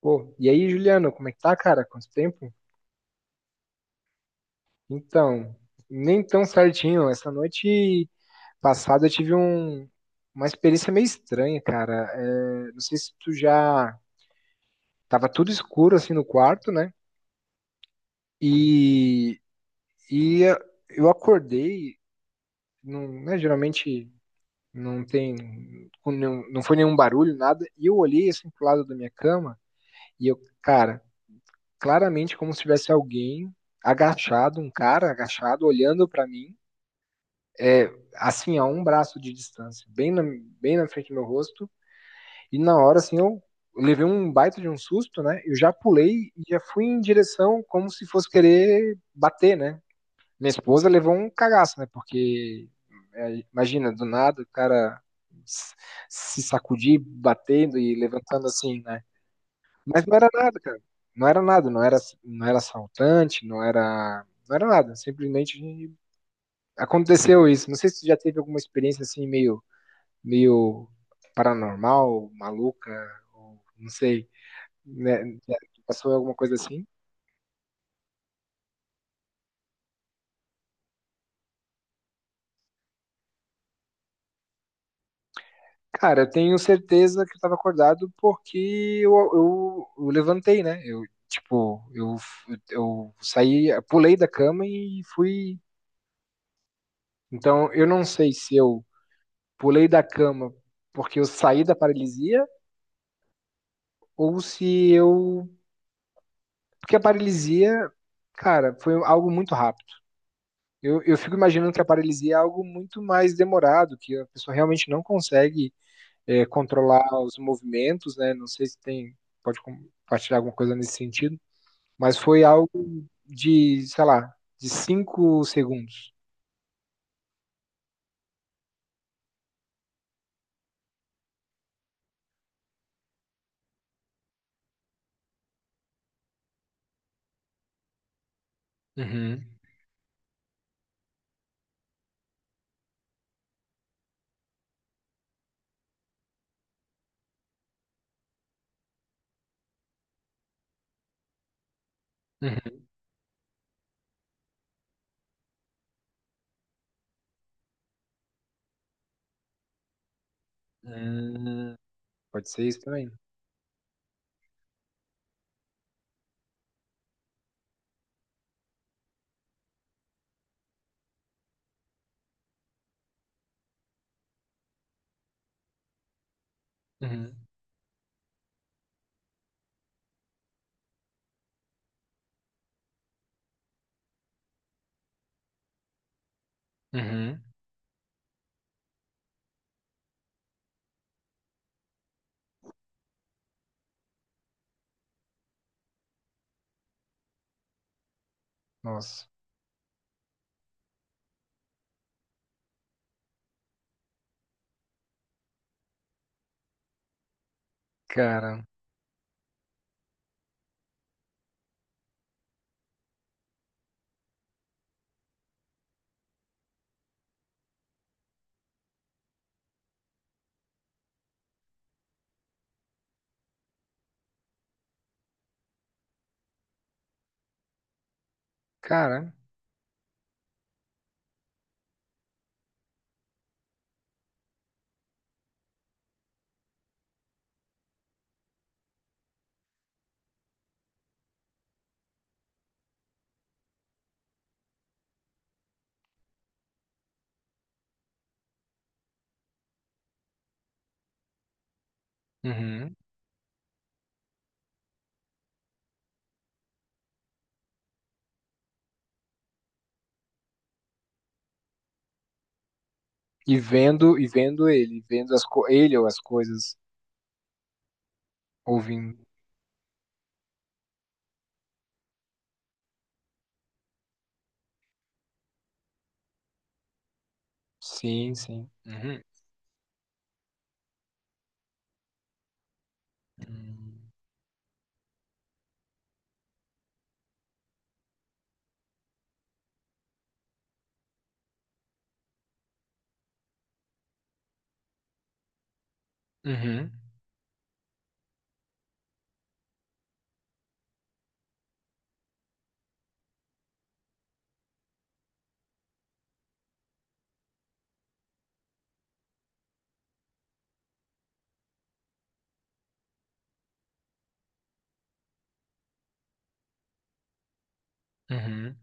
Pô, e aí, Juliano, como é que tá, cara? Quanto tempo? Então, nem tão certinho. Essa noite passada eu tive uma experiência meio estranha, cara. É, não sei se tu já tava tudo escuro assim no quarto, né? E, e eu acordei, não, né, geralmente não tem, não, não foi nenhum barulho, nada. E eu olhei assim pro lado da minha cama e eu, cara, claramente como se tivesse alguém agachado, um cara agachado olhando pra mim. É, assim, a um braço de distância, bem na frente do meu rosto. E na hora, assim, eu levei um baita de um susto, né? Eu já pulei e já fui em direção como se fosse querer bater, né? Minha esposa levou um cagaço, né? Porque, é, imagina, do nada o cara se sacudir, batendo e levantando assim, né? Mas não era nada, cara. Não era nada, não era assaltante, não era nada. Simplesmente aconteceu isso. Não sei se tu já teve alguma experiência assim meio paranormal, maluca, ou não sei, né? Passou alguma coisa assim? Cara, eu tenho certeza que eu tava acordado porque eu levantei, né? Eu, tipo, eu saí, pulei da cama e fui. Então, eu não sei se eu pulei da cama porque eu saí da paralisia ou se eu. Porque a paralisia, cara, foi algo muito rápido. Eu fico imaginando que a paralisia é algo muito mais demorado, que a pessoa realmente não consegue, é, controlar os movimentos, né? Não sei se tem, pode compartilhar alguma coisa nesse sentido, mas foi algo de, sei lá, de 5 segundos. Uhum, uhum. Hum, pode ser isso também. Uhum, uhum. Nossa, cara, cara. Uhum. E vendo ele, vendo ele ou as coisas, ouvindo. Sim, sim. Uhum. Hum. Uhum, uhum.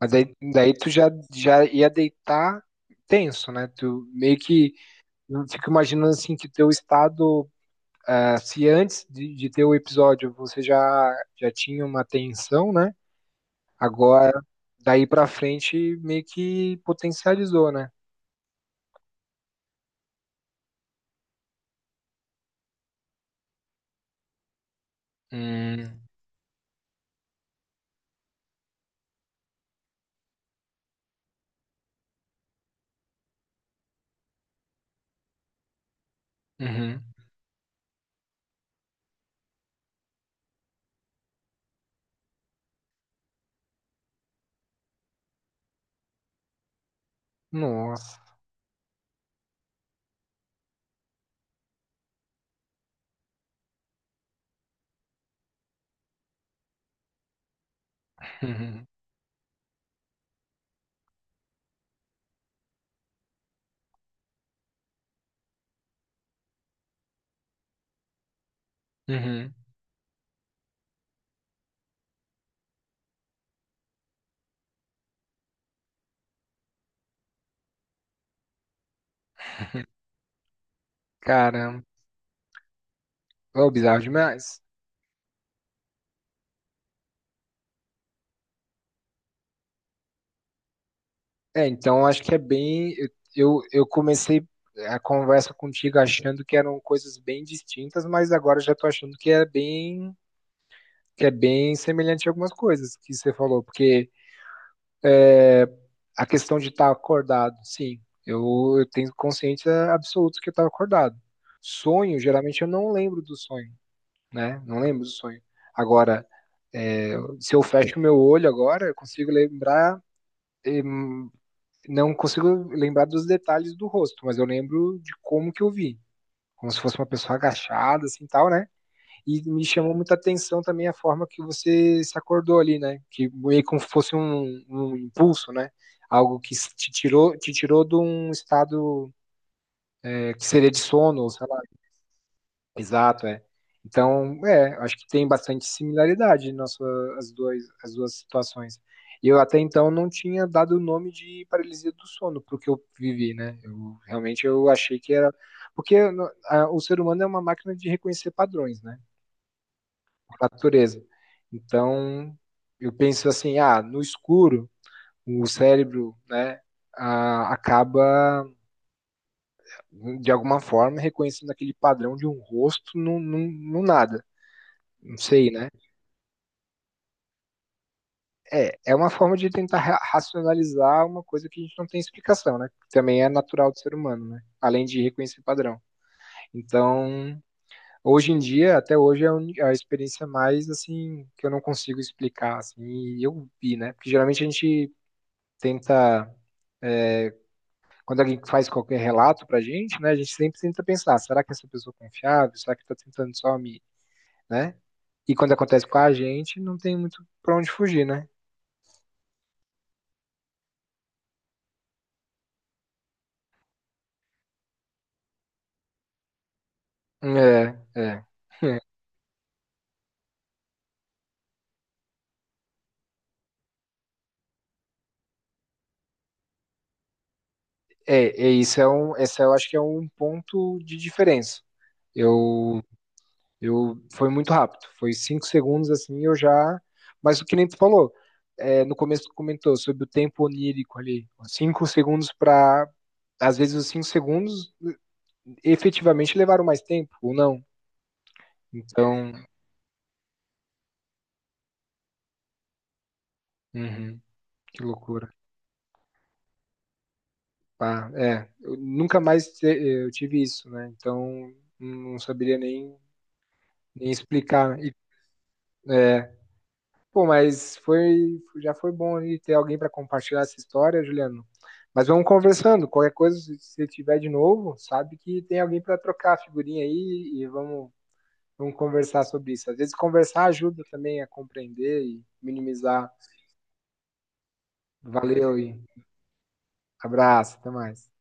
Mas daí, daí tu já, já ia deitar tenso, né? Tu meio que, eu fico imaginando assim que teu estado, ah, se antes de ter o episódio você já, já tinha uma tensão, né? Agora, daí pra frente, meio que potencializou, né? Hum, uhum. Nossa, uhum, uhum. Caramba, é bizarro demais. É, então acho que é bem. Eu comecei a conversa contigo achando que eram coisas bem distintas, mas agora já tô achando que é bem semelhante a algumas coisas que você falou, porque a questão de estar acordado, sim, eu, eu tenho consciência absoluta que eu estava acordado. Sonho, geralmente eu não lembro do sonho, né? Não lembro do sonho. Agora, se eu fecho meu olho agora, eu consigo lembrar, eh, não consigo lembrar dos detalhes do rosto, mas eu lembro de como que eu vi. Como se fosse uma pessoa agachada, assim, tal, né? E me chamou muita atenção também a forma que você se acordou ali, né? Que meio como se fosse um, um impulso, né? Algo que te tirou de um estado, é, que seria de sono, ou sei. Exato, é. Então, é, acho que tem bastante similaridade nossa, as duas situações. E eu até então não tinha dado o nome de paralisia do sono pro que eu vivi, né? Eu, realmente eu achei que era. Porque o ser humano é uma máquina de reconhecer padrões, né? Por natureza. Então, eu penso assim, ah, no escuro, o cérebro, né, ah, acaba, de alguma forma, reconhecendo aquele padrão de um rosto no, no nada. Não sei, né? É, é uma forma de tentar racionalizar uma coisa que a gente não tem explicação, né? Que também é natural do ser humano, né? Além de reconhecer padrão. Então, hoje em dia, até hoje, é a a experiência mais, assim, que eu não consigo explicar, assim, e eu vi, né? Porque geralmente a gente tenta, quando alguém faz qualquer relato pra gente, né? A gente sempre tenta pensar, será que essa pessoa é confiável? Será que tá tentando só me, né? E quando acontece com a gente, não tem muito pra onde fugir, né? É, é. É, é isso é um, esse eu acho que é um ponto de diferença. Eu, eu foi muito rápido, foi 5 segundos assim, eu já. Mas o que nem tu falou, é, no começo tu comentou sobre o tempo onírico ali, 5 segundos para, às vezes os 5 segundos efetivamente levaram mais tempo ou não. Então, uhum, que loucura. Pá, é, eu nunca mais eu tive isso, né? Então não saberia nem, nem explicar. E, é, pô, mas foi, já foi bom aí ter alguém para compartilhar essa história, Juliano. Mas vamos conversando. Qualquer coisa, se você tiver de novo, sabe que tem alguém para trocar a figurinha aí e vamos, vamos conversar sobre isso. Às vezes conversar ajuda também a compreender e minimizar. Valeu e abraço, até mais.